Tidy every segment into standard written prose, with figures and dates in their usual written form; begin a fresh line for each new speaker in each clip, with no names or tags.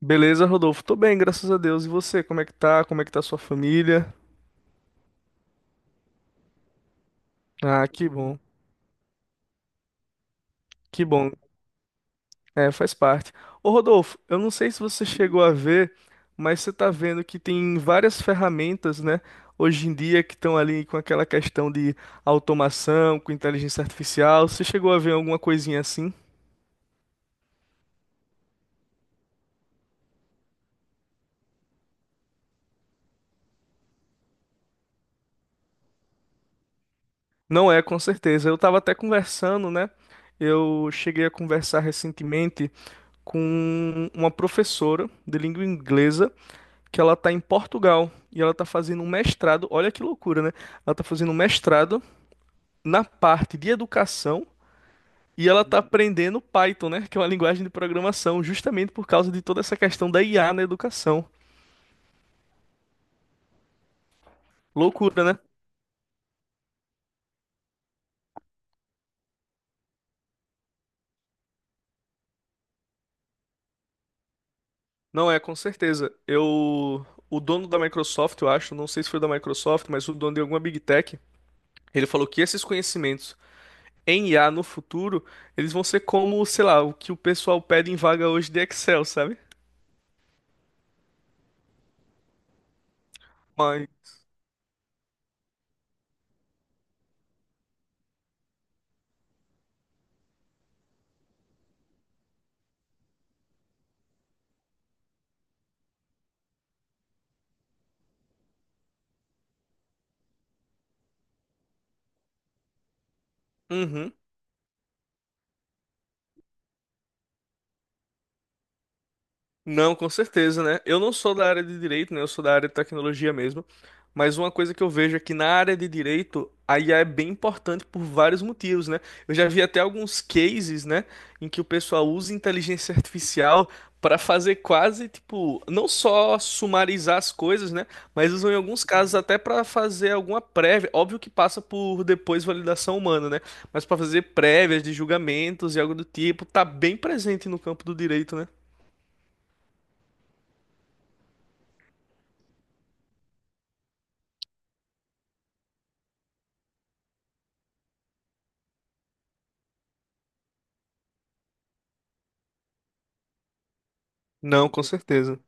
Beleza, Rodolfo? Tô bem, graças a Deus. E você, como é que tá? Como é que tá sua família? Ah, que bom, que bom. É, faz parte. Ô, Rodolfo, eu não sei se você chegou a ver, mas você tá vendo que tem várias ferramentas, né, hoje em dia que estão ali com aquela questão de automação, com inteligência artificial. Você chegou a ver alguma coisinha assim? Não é, com certeza. Eu tava até conversando, né? Eu cheguei a conversar recentemente com uma professora de língua inglesa que ela tá em Portugal e ela tá fazendo um mestrado. Olha que loucura, né? Ela tá fazendo um mestrado na parte de educação e ela tá aprendendo Python, né? Que é uma linguagem de programação, justamente por causa de toda essa questão da IA na educação. Loucura, né? Não é, com certeza. Eu, o dono da Microsoft, eu acho, não sei se foi da Microsoft, mas o dono de alguma Big Tech, ele falou que esses conhecimentos em IA no futuro, eles vão ser como, sei lá, o que o pessoal pede em vaga hoje de Excel, sabe? Mas, uhum. Não, com certeza, né? Eu não sou da área de direito, né? Eu sou da área de tecnologia mesmo. Mas uma coisa que eu vejo é que na área de direito, a IA é bem importante por vários motivos, né? Eu já vi até alguns cases, né, em que o pessoal usa inteligência artificial para fazer quase, tipo, não só sumarizar as coisas, né? Mas usam em alguns casos até para fazer alguma prévia. Óbvio que passa por depois validação humana, né? Mas para fazer prévias de julgamentos e algo do tipo, tá bem presente no campo do direito, né? Não, com certeza.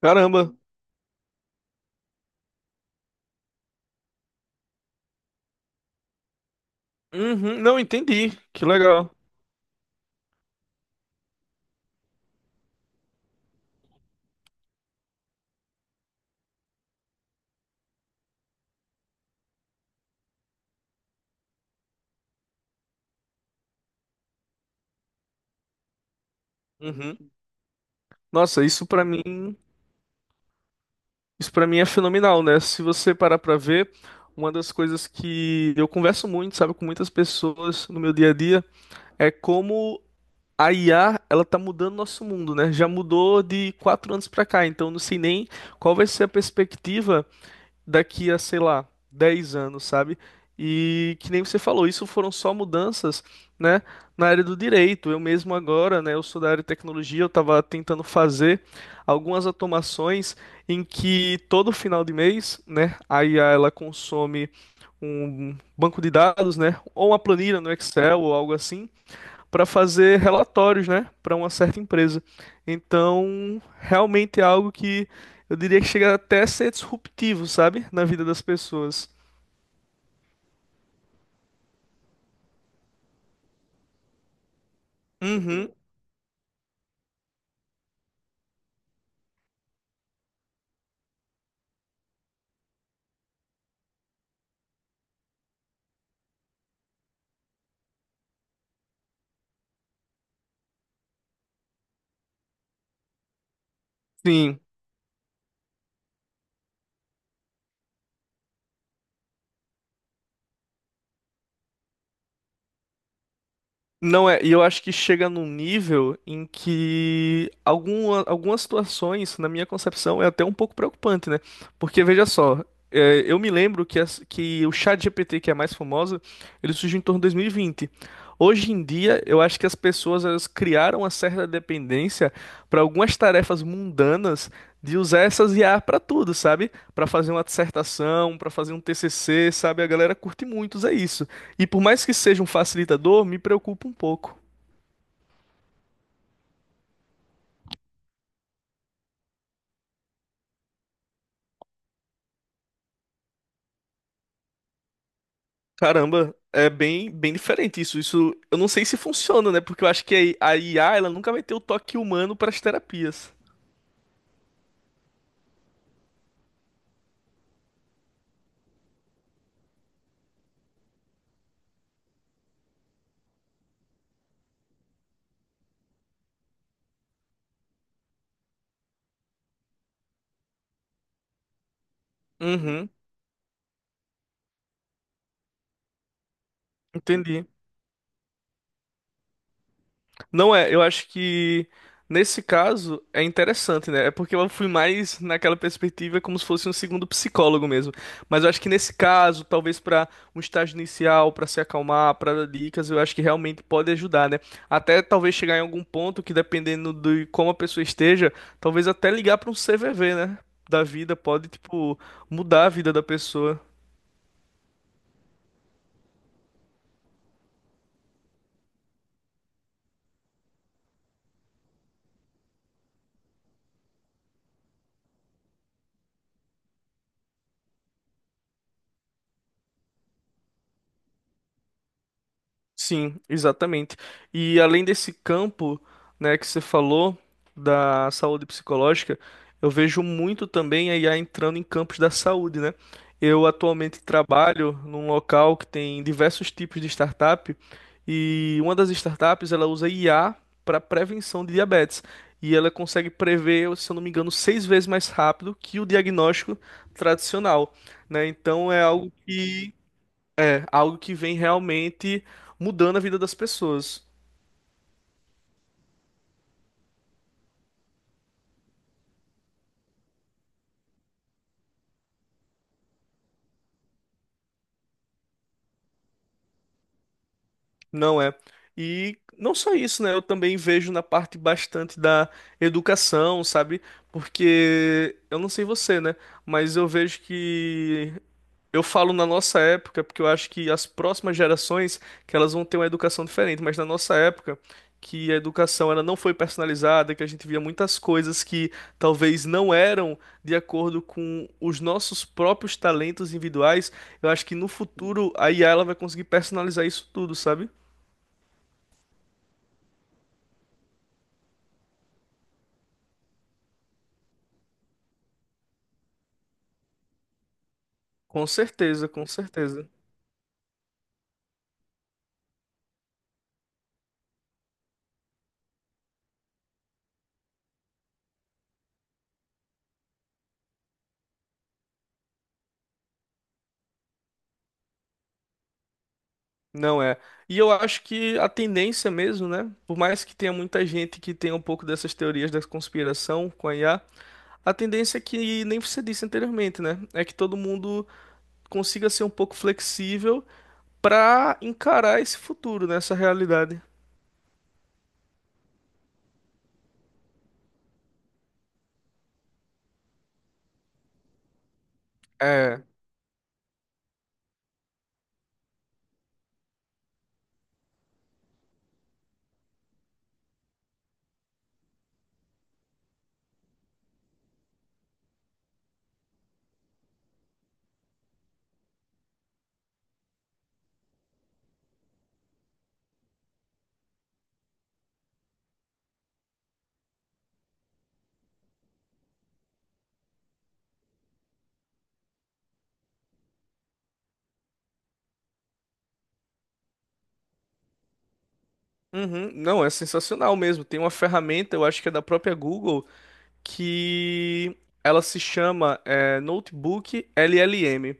Caramba. Uhum, não entendi. Que legal. Uhum. Nossa, isso para mim é fenomenal, né? Se você parar pra ver, uma das coisas que eu converso muito, sabe, com muitas pessoas no meu dia a dia, é como a IA, ela tá mudando nosso mundo, né? Já mudou de 4 anos pra cá, então eu não sei nem qual vai ser a perspectiva daqui a, sei lá, 10 anos, sabe? E que nem você falou, isso foram só mudanças, né, na área do direito. Eu mesmo agora, né, eu sou da área de tecnologia, eu estava tentando fazer algumas automações em que todo final de mês, né, a IA ela consome um banco de dados, né, ou uma planilha no Excel ou algo assim, para fazer relatórios, né, para uma certa empresa. Então, realmente é algo que eu diria que chega até a ser disruptivo, sabe, na vida das pessoas. Uhum, sim. Não é, e eu acho que chega num nível em que algumas situações, na minha concepção, é até um pouco preocupante, né? Porque veja só, eu me lembro que o ChatGPT, que é a mais famosa, ele surgiu em torno de 2020. Hoje em dia, eu acho que as pessoas elas criaram uma certa dependência para algumas tarefas mundanas de usar essas IA para tudo, sabe? Para fazer uma dissertação, para fazer um TCC, sabe? A galera curte muito, é isso. E por mais que seja um facilitador, me preocupa um pouco. Caramba, é bem, bem diferente isso. Isso eu não sei se funciona, né? Porque eu acho que a I a IA ela nunca vai ter o toque humano para as terapias. Uhum, entendi. Não é, eu acho que nesse caso é interessante, né? É porque eu fui mais naquela perspectiva como se fosse um segundo psicólogo mesmo. Mas eu acho que nesse caso, talvez para um estágio inicial, para se acalmar, para dar dicas, eu acho que realmente pode ajudar, né? Até talvez chegar em algum ponto que dependendo de como a pessoa esteja, talvez até ligar para um CVV, né? Da vida pode, tipo, mudar a vida da pessoa. Sim, exatamente. E além desse campo, né, que você falou da saúde psicológica, eu vejo muito também a IA entrando em campos da saúde, né? Eu atualmente trabalho num local que tem diversos tipos de startup e uma das startups ela usa IA para prevenção de diabetes e ela consegue prever, se eu não me engano, 6 vezes mais rápido que o diagnóstico tradicional, né? Então é algo que vem realmente mudando a vida das pessoas. Não é. E não só isso, né? Eu também vejo na parte bastante da educação, sabe? Porque eu não sei você, né? Mas eu vejo que eu falo na nossa época, porque eu acho que as próximas gerações que elas vão ter uma educação diferente, mas na nossa época que a educação ela não foi personalizada, que a gente via muitas coisas que talvez não eram de acordo com os nossos próprios talentos individuais, eu acho que no futuro a IA ela vai conseguir personalizar isso tudo, sabe? Com certeza, com certeza. Não é. E eu acho que a tendência mesmo, né? Por mais que tenha muita gente que tenha um pouco dessas teorias da conspiração com a IA, a tendência é que, nem você disse anteriormente, né? É que todo mundo consiga ser um pouco flexível para encarar esse futuro, né? Essa realidade. É. Uhum. Não, é sensacional mesmo. Tem uma ferramenta, eu acho que é da própria Google, que ela se chama Notebook LLM.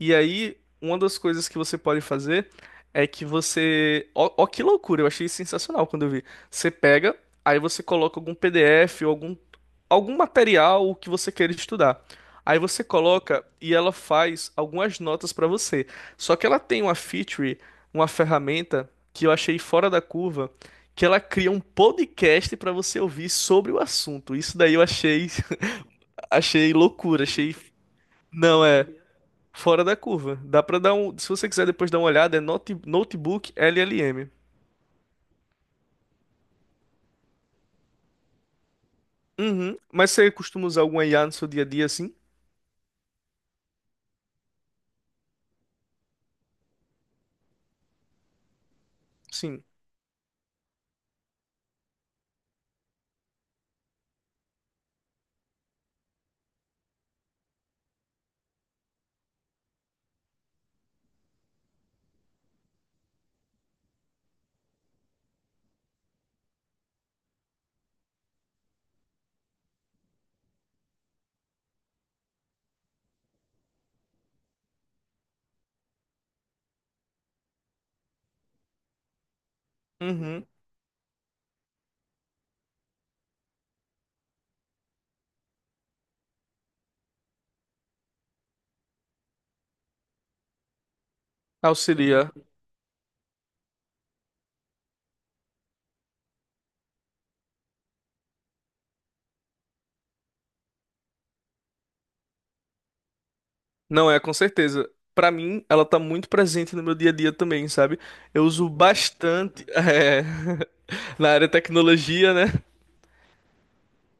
E aí, uma das coisas que você pode fazer é que você. Ó, que loucura, eu achei sensacional quando eu vi. Você pega, aí você coloca algum PDF ou algum material que você queira estudar. Aí você coloca e ela faz algumas notas para você. Só que ela tem uma feature, uma ferramenta que eu achei fora da curva, que ela cria um podcast para você ouvir sobre o assunto. Isso daí eu achei, achei loucura, achei. Não é. Fora da curva. Dá pra dar um. Se você quiser depois dar uma olhada, é Notebook LLM. Uhum. Mas você costuma usar alguma IA no seu dia a dia assim? Sim. Uhum. Auxilia. Não é, com certeza. Pra mim, ela tá muito presente no meu dia a dia também, sabe? Eu uso bastante. Na área de tecnologia, né?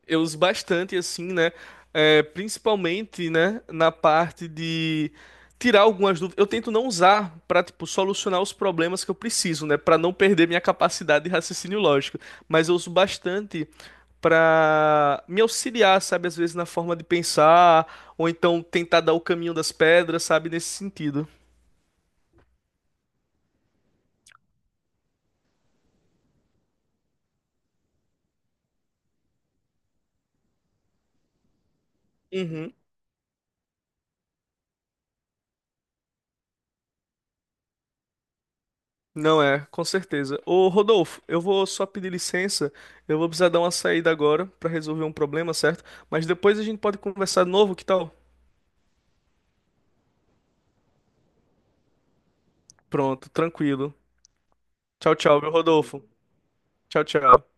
Eu uso bastante, assim, né? É, principalmente, né, na parte de tirar algumas dúvidas. Eu tento não usar para, tipo, solucionar os problemas que eu preciso, né? Para não perder minha capacidade de raciocínio lógico. Mas eu uso bastante para me auxiliar, sabe? Às vezes na forma de pensar, ou então tentar dar o caminho das pedras, sabe? Nesse sentido. Uhum. Não é, com certeza. Ô Rodolfo, eu vou só pedir licença. Eu vou precisar dar uma saída agora pra resolver um problema, certo? Mas depois a gente pode conversar de novo, que tal? Pronto, tranquilo. Tchau, tchau, meu Rodolfo. Tchau, tchau.